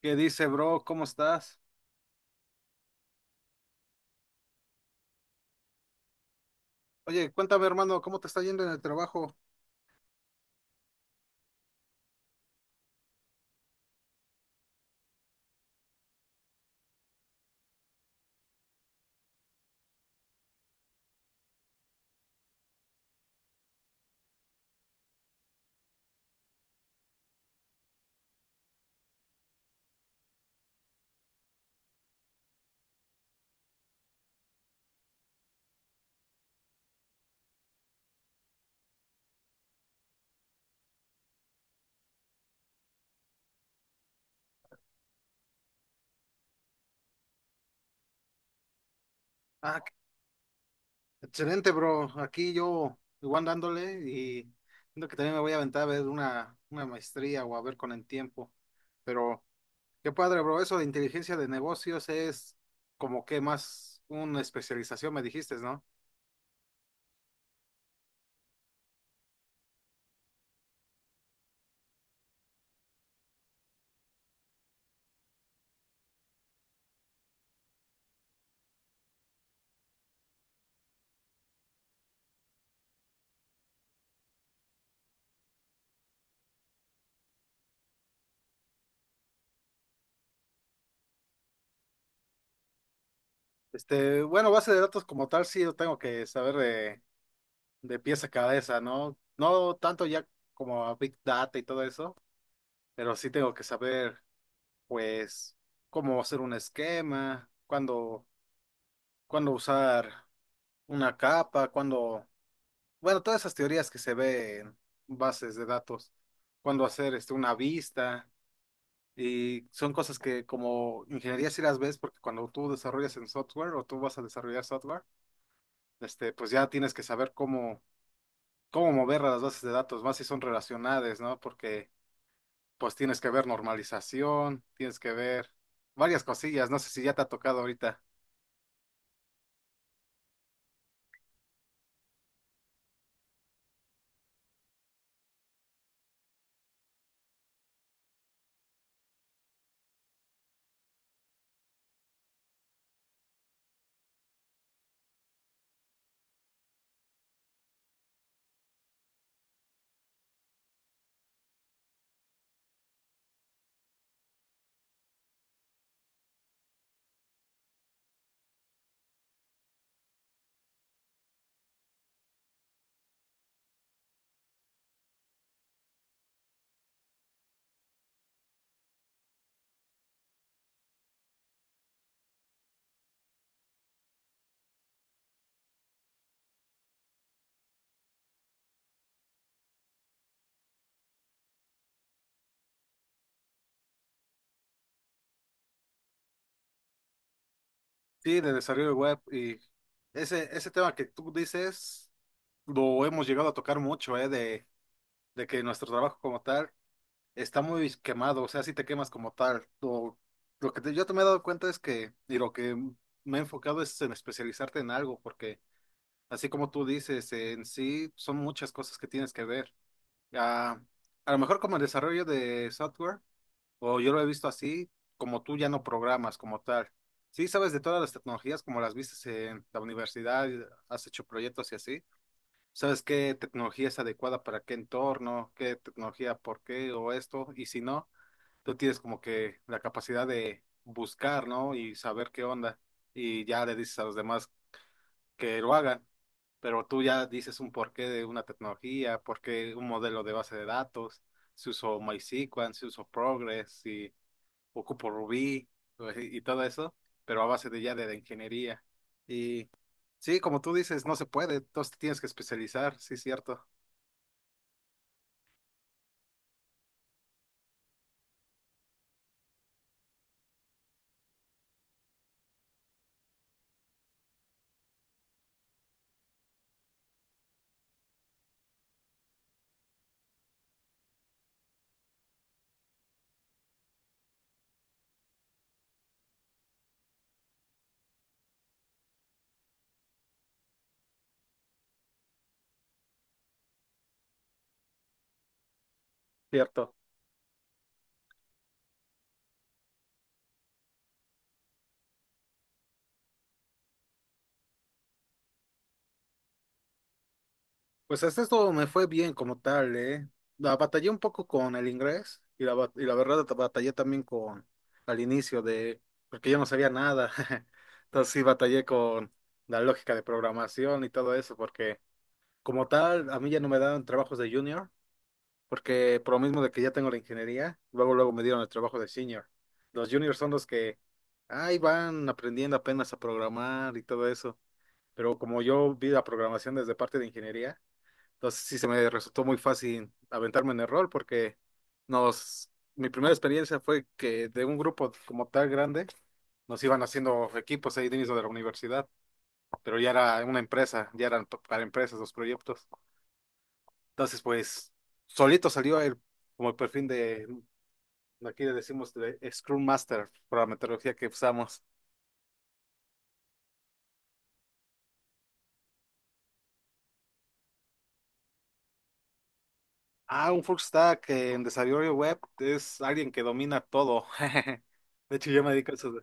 ¿Qué dice, bro? ¿Cómo estás? Oye, cuéntame, hermano, ¿cómo te está yendo en el trabajo? Ah, qué- Excelente, bro. Aquí yo igual dándole y siento que también me voy a aventar a ver una maestría o a ver con el tiempo. Pero qué padre, bro. Eso de inteligencia de negocios es como que más una especialización, me dijiste, ¿no? Este, bueno, base de datos como tal, sí, yo tengo que saber de pies a cabeza, ¿no? No tanto ya como a Big Data y todo eso, pero sí tengo que saber. Pues cómo hacer un esquema, cuándo usar una capa, cuándo, bueno, todas esas teorías que se ve en bases de datos, cuándo hacer este, una vista, y son cosas que como ingeniería sí las ves, porque cuando tú desarrollas en software o tú vas a desarrollar software, este, pues ya tienes que saber cómo mover a las bases de datos, más si son relacionadas, ¿no? Porque pues tienes que ver normalización, tienes que ver varias cosillas, no sé si ya te ha tocado ahorita. Sí, de desarrollo web y ese tema que tú dices lo hemos llegado a tocar mucho, ¿eh? De que nuestro trabajo como tal está muy quemado, o sea, si te quemas como tal. Lo que yo te me he dado cuenta es que, y lo que me he enfocado es en especializarte en algo, porque así como tú dices, en sí son muchas cosas que tienes que ver. Ah, a lo mejor como el desarrollo de software. O yo lo he visto así, como tú ya no programas como tal. Sí, sabes de todas las tecnologías, como las viste en la universidad, has hecho proyectos y así. ¿Sabes qué tecnología es adecuada para qué entorno, qué tecnología por qué o esto? Y si no, tú tienes como que la capacidad de buscar, ¿no? Y saber qué onda. Y ya le dices a los demás que lo hagan. Pero tú ya dices un porqué de una tecnología, por qué un modelo de base de datos, si uso MySQL, si uso Progress, si ocupo Rubí y todo eso, pero a base de ya de ingeniería. Y sí, como tú dices, no se puede, entonces te tienes que especializar, sí, cierto. Cierto. Pues hasta esto me fue bien como tal, ¿eh? La batallé un poco con el inglés y y la verdad batallé también con al inicio de, porque yo no sabía nada. Entonces sí batallé con la lógica de programación y todo eso, porque como tal, a mí ya no me daban trabajos de junior porque por lo mismo de que ya tengo la ingeniería, luego luego me dieron el trabajo de senior. Los juniors son los que ahí van aprendiendo apenas a programar y todo eso, pero como yo vi la programación desde parte de ingeniería, entonces sí se me resultó muy fácil aventarme en el rol porque nos mi primera experiencia fue que de un grupo como tal grande nos iban haciendo equipos ahí dentro de la universidad, pero ya era una empresa, ya eran para empresas los proyectos. Entonces, pues solito salió el como el perfil de aquí le decimos Scrum Master por la metodología que usamos. Ah, un full stack en desarrollo web es alguien que domina todo. De hecho, yo me dedico a eso.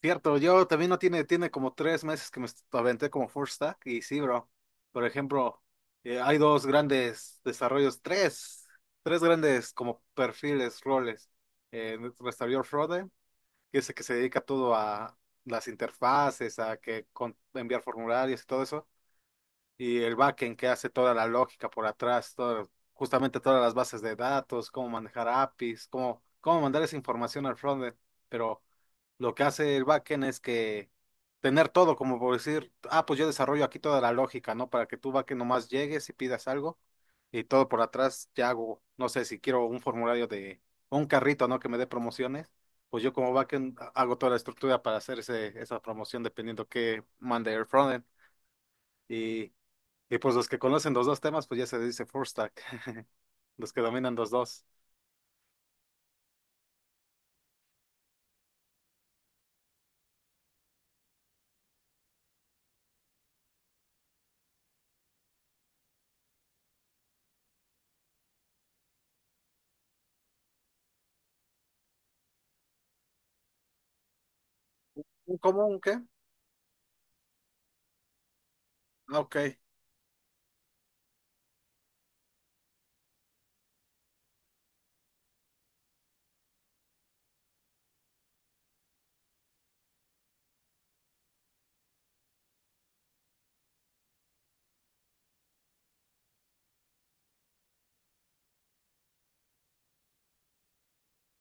Cierto, yo también no tiene, tiene como 3 meses que aventé como full stack y sí, bro. Por ejemplo, hay dos grandes desarrollos, tres grandes como perfiles, roles. Desarrollador frontend que es el que se dedica todo a las interfaces, a que enviar formularios y todo eso. Y el backend que hace toda la lógica por atrás, todo, justamente todas las bases de datos, cómo manejar APIs, cómo mandar esa información al frontend. Pero lo que hace el backend es que tener todo, como por decir, ah, pues yo desarrollo aquí toda la lógica, ¿no? Para que tú backend nomás llegues y pidas algo y todo por atrás ya hago, no sé, si quiero un formulario de o un carrito, ¿no? Que me dé promociones. Pues yo como backend hago toda la estructura para hacer esa promoción dependiendo que mande el frontend. Y y pues los que conocen los dos temas, pues ya se dice full stack, los que dominan los dos. ¿Un común qué? Ah, ok.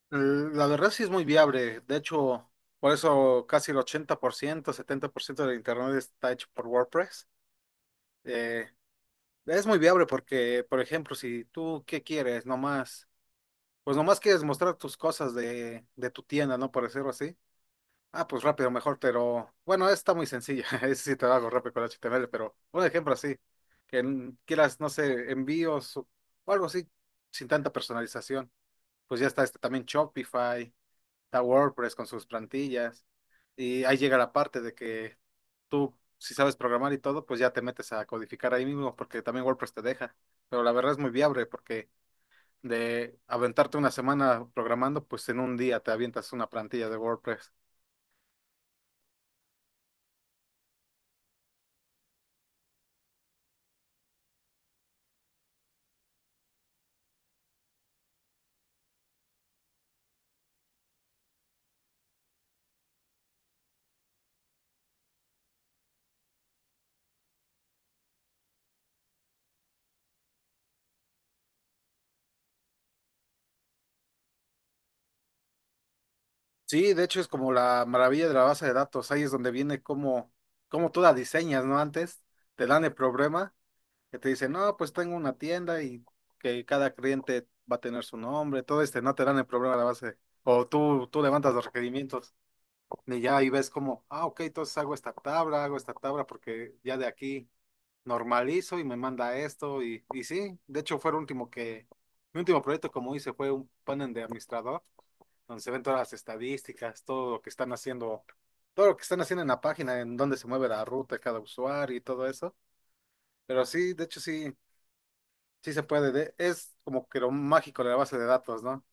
la verdad sí es muy viable. De hecho, por eso casi el 80% 70% del internet está hecho por WordPress. Eh, es muy viable porque, por ejemplo, si tú, ¿qué quieres? Nomás, pues nomás quieres mostrar tus cosas de tu tienda, ¿no? Por decirlo así. Ah, pues rápido, mejor, pero bueno, está muy sencilla. Ese sí te lo hago rápido con HTML, pero un ejemplo así, quieras, no sé, envíos o algo así, sin tanta personalización. Pues ya está este también Shopify, está WordPress con sus plantillas. Y ahí llega la parte de que tú, si sabes programar y todo, pues ya te metes a codificar ahí mismo, porque también WordPress te deja. Pero la verdad es muy viable, porque de aventarte una semana programando, pues en un día te avientas una plantilla de WordPress. Sí, de hecho es como la maravilla de la base de datos. Ahí es donde viene cómo tú la diseñas, ¿no? Antes te dan el problema que te dicen, no, pues tengo una tienda y que cada cliente va a tener su nombre, todo este, no te dan el problema de la base. O tú levantas los requerimientos y ya ahí ves como, ah, ok, entonces hago esta tabla porque ya de aquí normalizo y me manda esto. Y sí, de hecho fue el último que, mi último proyecto como hice fue un panel de administrador donde se ven todas las estadísticas, todo lo que están haciendo, todo lo que están haciendo en la página, en dónde se mueve la ruta de cada usuario y todo eso. Pero sí, de hecho sí, sí se puede. De- es como que lo mágico de la base de datos, ¿no?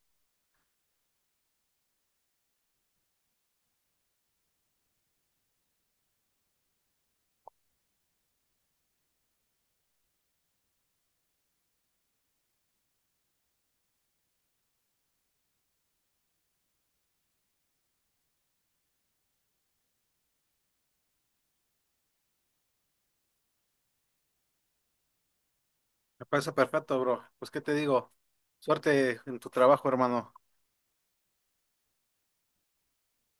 Me parece perfecto, bro. Pues, ¿qué te digo? Suerte en tu trabajo, hermano.